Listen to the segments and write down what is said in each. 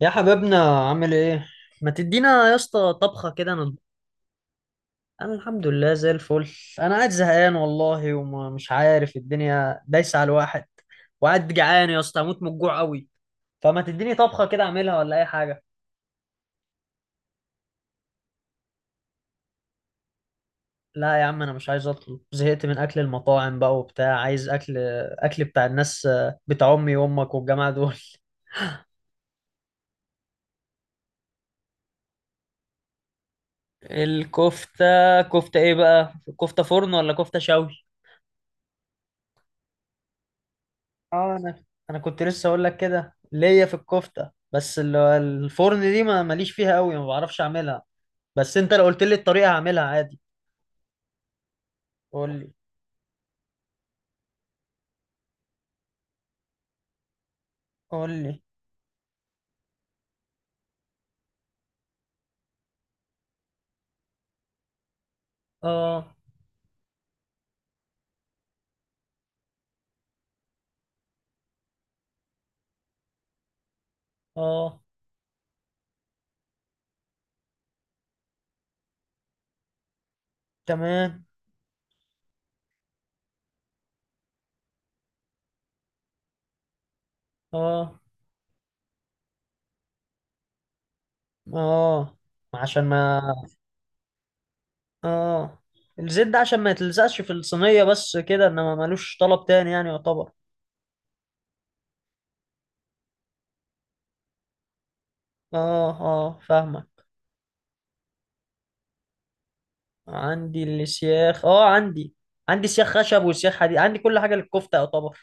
يا حبيبنا عامل ايه؟ ما تدينا يا اسطى طبخه كده. انا الحمد لله زي الفل. انا قاعد زهقان والله ومش عارف الدنيا دايسه على الواحد، وقاعد جعان يا اسطى اموت من الجوع قوي، فما تديني طبخه كده اعملها ولا اي حاجه. لا يا عم انا مش عايز اطلب، زهقت من اكل المطاعم بقى وبتاع، عايز اكل اكل بتاع الناس، بتاع امي وامك والجماعه دول. الكفته؟ كفته ايه بقى؟ كفته فرن ولا كفته شوي؟ اه انا، انا كنت لسه اقول لك كده ليا في الكفته، بس الفرن دي ما ماليش فيها قوي، ما بعرفش اعملها، بس انت لو قلت لي الطريقه هعملها عادي. قول لي. قول لي. اه. اه. تمام. اه. اه، عشان ما. اه، الزيت ده عشان ما يتلزقش في الصينيه بس كده، انما ملوش طلب تاني يعني، يعتبر. اه، اه، فاهمك. عندي السياخ، اه عندي، عندي سياخ خشب وسياخ حديد، عندي كل حاجه للكفته يعتبر.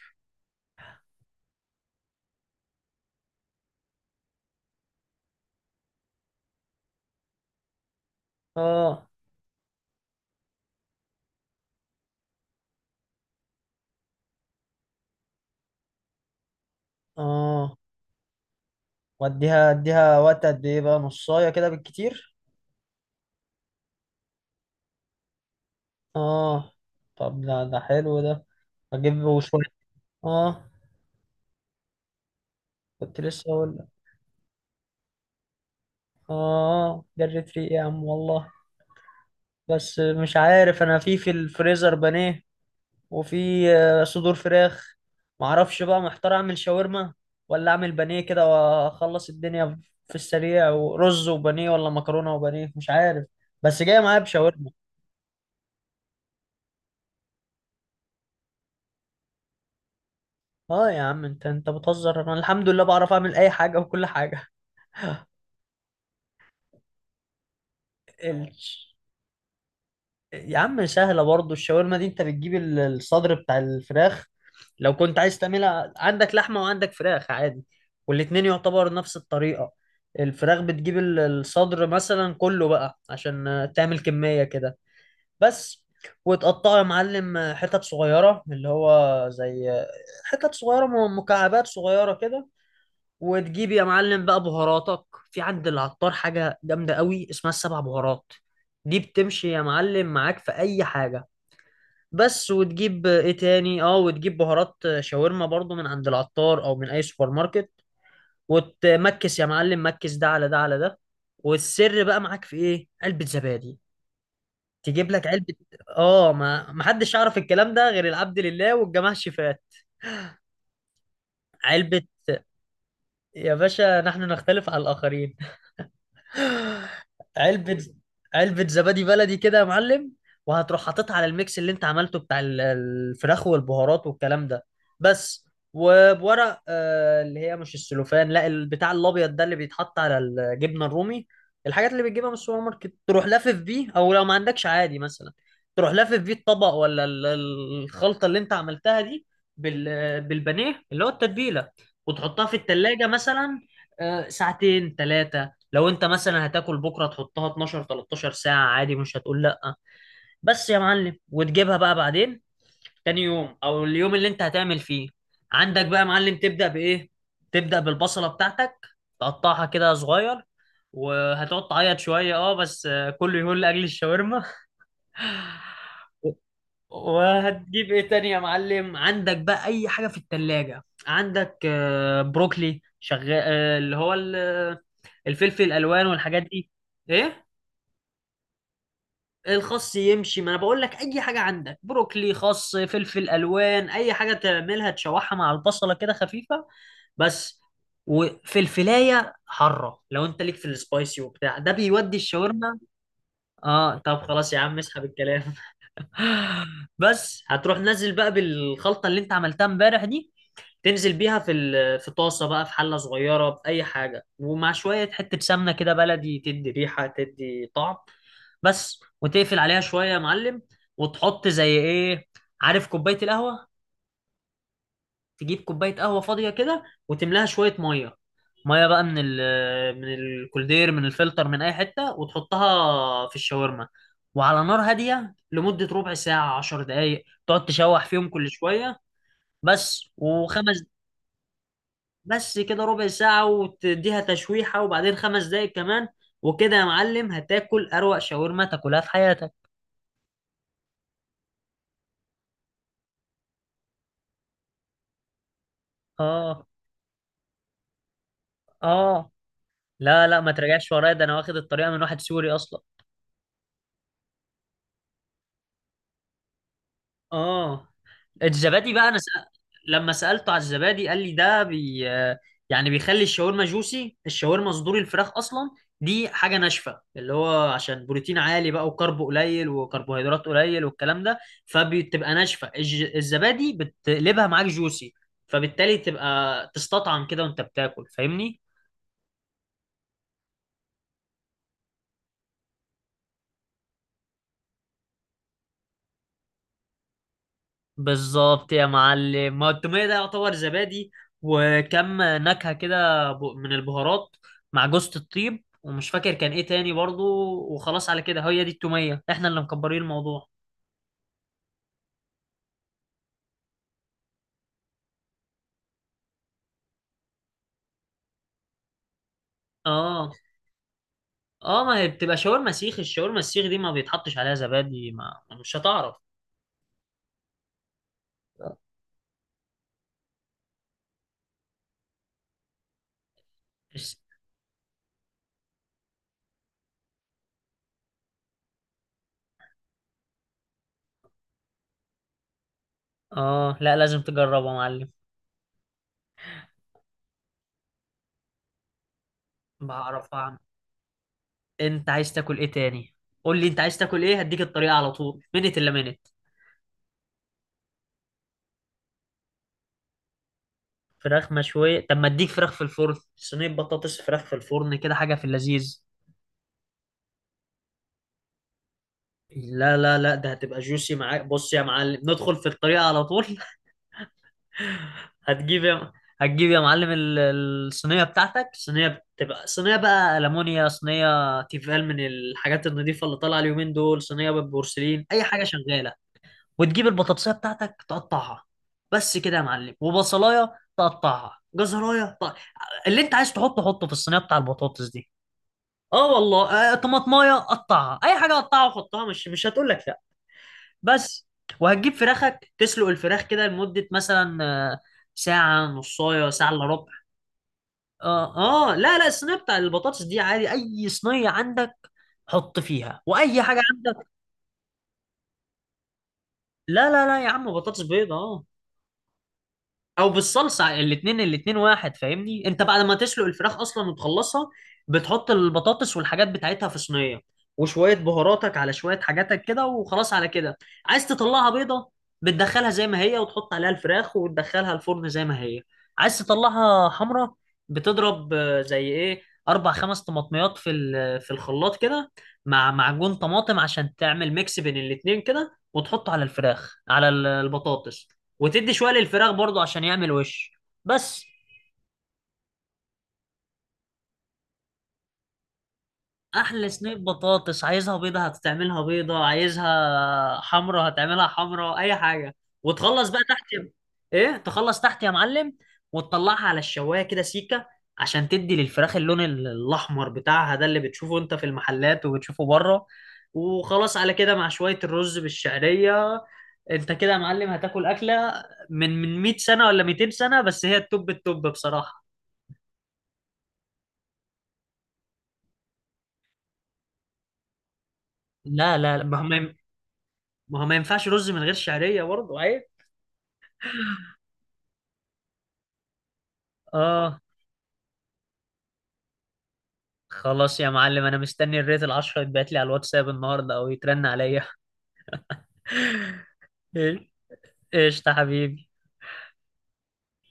اه. اه. واديها اديها وقت قد ايه بقى؟ نصايه كده بالكتير. اه طب ده حلو ده. اجيب وشويه. اه كنت لسه اقول لك. اه جريت ريقي يا عم والله، بس مش عارف، انا في الفريزر بانيه، وفي صدور فراخ. معرفش بقى، محتار اعمل شاورما ولا اعمل بانيه كده واخلص الدنيا، في السريع ورز وبانيه ولا مكرونه وبانيه، مش عارف، بس جاي معايا بشاورما. اه يا عم انت بتهزر، انا الحمد لله بعرف اعمل اي حاجه وكل حاجه. ال... يا عم سهلة برضو الشاورما دي، انت بتجيب الصدر بتاع الفراخ. لو كنت عايز تعملها عندك لحمة وعندك فراخ عادي، والاتنين يعتبر نفس الطريقة. الفراخ بتجيب الصدر مثلا كله بقى عشان تعمل كمية كده بس. وتقطعه يا معلم حتت صغيرة اللي هو زي حتت صغيرة مكعبات صغيرة كده. وتجيب يا معلم بقى بهاراتك، في عند العطار حاجة جامدة قوي اسمها السبع بهارات، دي بتمشي يا معلم معاك في أي حاجة بس. وتجيب ايه تاني، اه وتجيب بهارات شاورما برضو من عند العطار او من اي سوبر ماركت. وتمكس يا معلم مكس، ده على ده على ده. والسر بقى معاك في ايه؟ علبة زبادي. تجيب لك علبة. اه ما محدش يعرف الكلام ده غير العبد لله والجماعة الشفاة. علبة. يا باشا نحن نختلف على الآخرين. علبة. علبة زبادي بلدي كده يا معلم، وهتروح حاططها على الميكس اللي انت عملته بتاع الفراخ والبهارات والكلام ده بس. وبورق اللي هي مش السلوفان، لا البتاع الابيض ده اللي بيتحط على الجبنة الرومي، الحاجات اللي بتجيبها من السوبر ماركت، تروح لافف بيه، او لو ما عندكش عادي مثلا تروح لافف بيه الطبق، ولا الخلطة اللي انت عملتها دي بالبانيه اللي هو التتبيلة، وتحطها في التلاجة مثلا ساعتين ثلاثة. لو انت مثلا هتاكل بكره تحطها 12 13 ساعه عادي مش هتقول لا. بس يا معلم، وتجيبها بقى بعدين تاني يوم او اليوم اللي انت هتعمل فيه. عندك بقى يا معلم، تبدا بايه؟ تبدا بالبصله بتاعتك، تقطعها كده صغير، وهتقعد تعيط شويه اه بس، كله يقول لاجل الشاورما. وهتجيب ايه تاني يا معلم؟ عندك بقى اي حاجه في التلاجة، عندك بروكلي شغال، اللي هو الفلفل الالوان والحاجات دي. ايه. الخس يمشي، ما انا بقول لك اي حاجه عندك، بروكلي خس فلفل الوان اي حاجه، تعملها تشوحها مع البصله كده خفيفه بس. وفلفلايه حاره لو انت ليك في السبايسي وبتاع، ده بيودي الشاورما. اه طب خلاص يا عم اسحب الكلام. بس هتروح نازل بقى بالخلطة اللي انت عملتها امبارح دي، تنزل بيها في طاسة بقى، في حلة صغيرة، بأي حاجة، ومع شوية حتة سمنة كده بلدي، تدي ريحة تدي طعم بس. وتقفل عليها شوية يا معلم. وتحط زي ايه؟ عارف كوباية القهوة؟ تجيب كوبايه قهوه فاضيه كده، وتملاها شويه ميه. ميه بقى من ال، من الكولدير من الفلتر من اي حته، وتحطها في الشاورما، وعلى نار هاديه لمده ربع ساعه عشر دقايق، تقعد تشوح فيهم كل شويه بس. وخمس. بس كده ربع ساعه، وتديها تشويحه وبعدين خمس دقايق كمان، وكده يا معلم هتاكل اروق شاورما تاكلها في حياتك. اه. اه لا لا ما تراجعش ورايا، ده انا واخد الطريقه من واحد سوري اصلا. اه الزبادي بقى انا لما سالته على الزبادي قال لي ده بي... آه، يعني بيخلي الشاورما جوسي، الشاورما صدور الفراخ اصلا دي حاجه ناشفه، اللي هو عشان بروتين عالي بقى وكرب قليل وكربوهيدرات قليل والكلام ده، فبتبقى ناشفه، الزبادي بتقلبها معاك جوسي، فبالتالي تبقى تستطعم كده وانت بتاكل، فاهمني. بالظبط يا معلم، ما التومية ده يعتبر زبادي، وكم نكهة كده من البهارات، مع جوزة الطيب ومش فاكر كان ايه تاني برضو، وخلاص على كده، هي دي التومية، احنا اللي مكبرين الموضوع. اه. اه ما هي بتبقى شاورما سيخ، الشاورما السيخ دي ما بيتحطش عليها زبادي، ما مش هتعرف. بس- اه لا لازم تجربها يا معلم. بعرف اعمل. انت عايز تاكل ايه تاني؟ قول لي انت عايز تاكل ايه، هديك الطريقة على طول، منت الا منت. فراخ مشوية، طب ما اديك فراخ في الفرن، صينية بطاطس فراخ في الفرن كده، حاجة في اللذيذ. لا لا لا ده هتبقى جوسي معاك، بص يا معلم ندخل في الطريقة على طول. هتجيب يا هتجيب يا معلم الصينية بتاعتك، صينية بتبقى صينية بقى ألمونيا، صينية تيفال من الحاجات النظيفة اللي طالعة اليومين دول، صينية بالبورسلين، أي حاجة شغالة. وتجيب البطاطسية بتاعتك تقطعها بس كده يا معلم، وبصلاية تقطعها، جزراية تقطع. اللي انت عايز تحطه حطه في الصينية بتاع البطاطس دي. اه والله آه، طماطمايه قطعها، اي حاجه قطعها وحطها، مش هتقول لك لا بس. وهتجيب فراخك تسلق الفراخ كده لمده مثلا آه، ساعه نصايه ساعه الا ربع. اه. اه لا لا، الصينيه بتاع البطاطس دي عادي اي صينيه عندك، حط فيها واي حاجه عندك. لا لا لا يا عم، بطاطس بيضه اه. او بالصلصه، الاثنين الاثنين واحد فاهمني، انت بعد ما تسلق الفراخ اصلا وتخلصها، بتحط البطاطس والحاجات بتاعتها في صينيه، وشويه بهاراتك على شويه حاجاتك كده، وخلاص على كده. عايز تطلعها بيضه، بتدخلها زي ما هي وتحط عليها الفراخ وتدخلها الفرن زي ما هي. عايز تطلعها حمرا، بتضرب زي ايه، اربع خمس طماطميات في الخلاط كده، مع معجون طماطم، عشان تعمل ميكس بين الاتنين كده، وتحطه على الفراخ على البطاطس وتدي شويه للفراخ برضو عشان يعمل وش بس. احلى صينيه بطاطس، عايزها بيضه هتعملها بيضه، عايزها حمرا هتعملها حمرا، اي حاجه. وتخلص بقى تحت يا-، ايه تخلص تحت يا معلم، وتطلعها على الشوايه كده سيكه، عشان تدي للفراخ اللون الاحمر بتاعها ده اللي بتشوفه انت في المحلات وبتشوفه بره، وخلاص على كده مع شويه الرز بالشعريه. انت كده يا معلم هتاكل اكله من 100 سنه ولا 200 سنه، بس هي التوب التوب بصراحه. لا لا لا، ما هو ما هو ما ينفعش رز من غير شعرية برضه عيب. اه خلاص يا معلم انا مستني الريت العشرة يتبعت لي على الواتساب النهارده او يترن عليا. ايش. إيش يا حبيبي.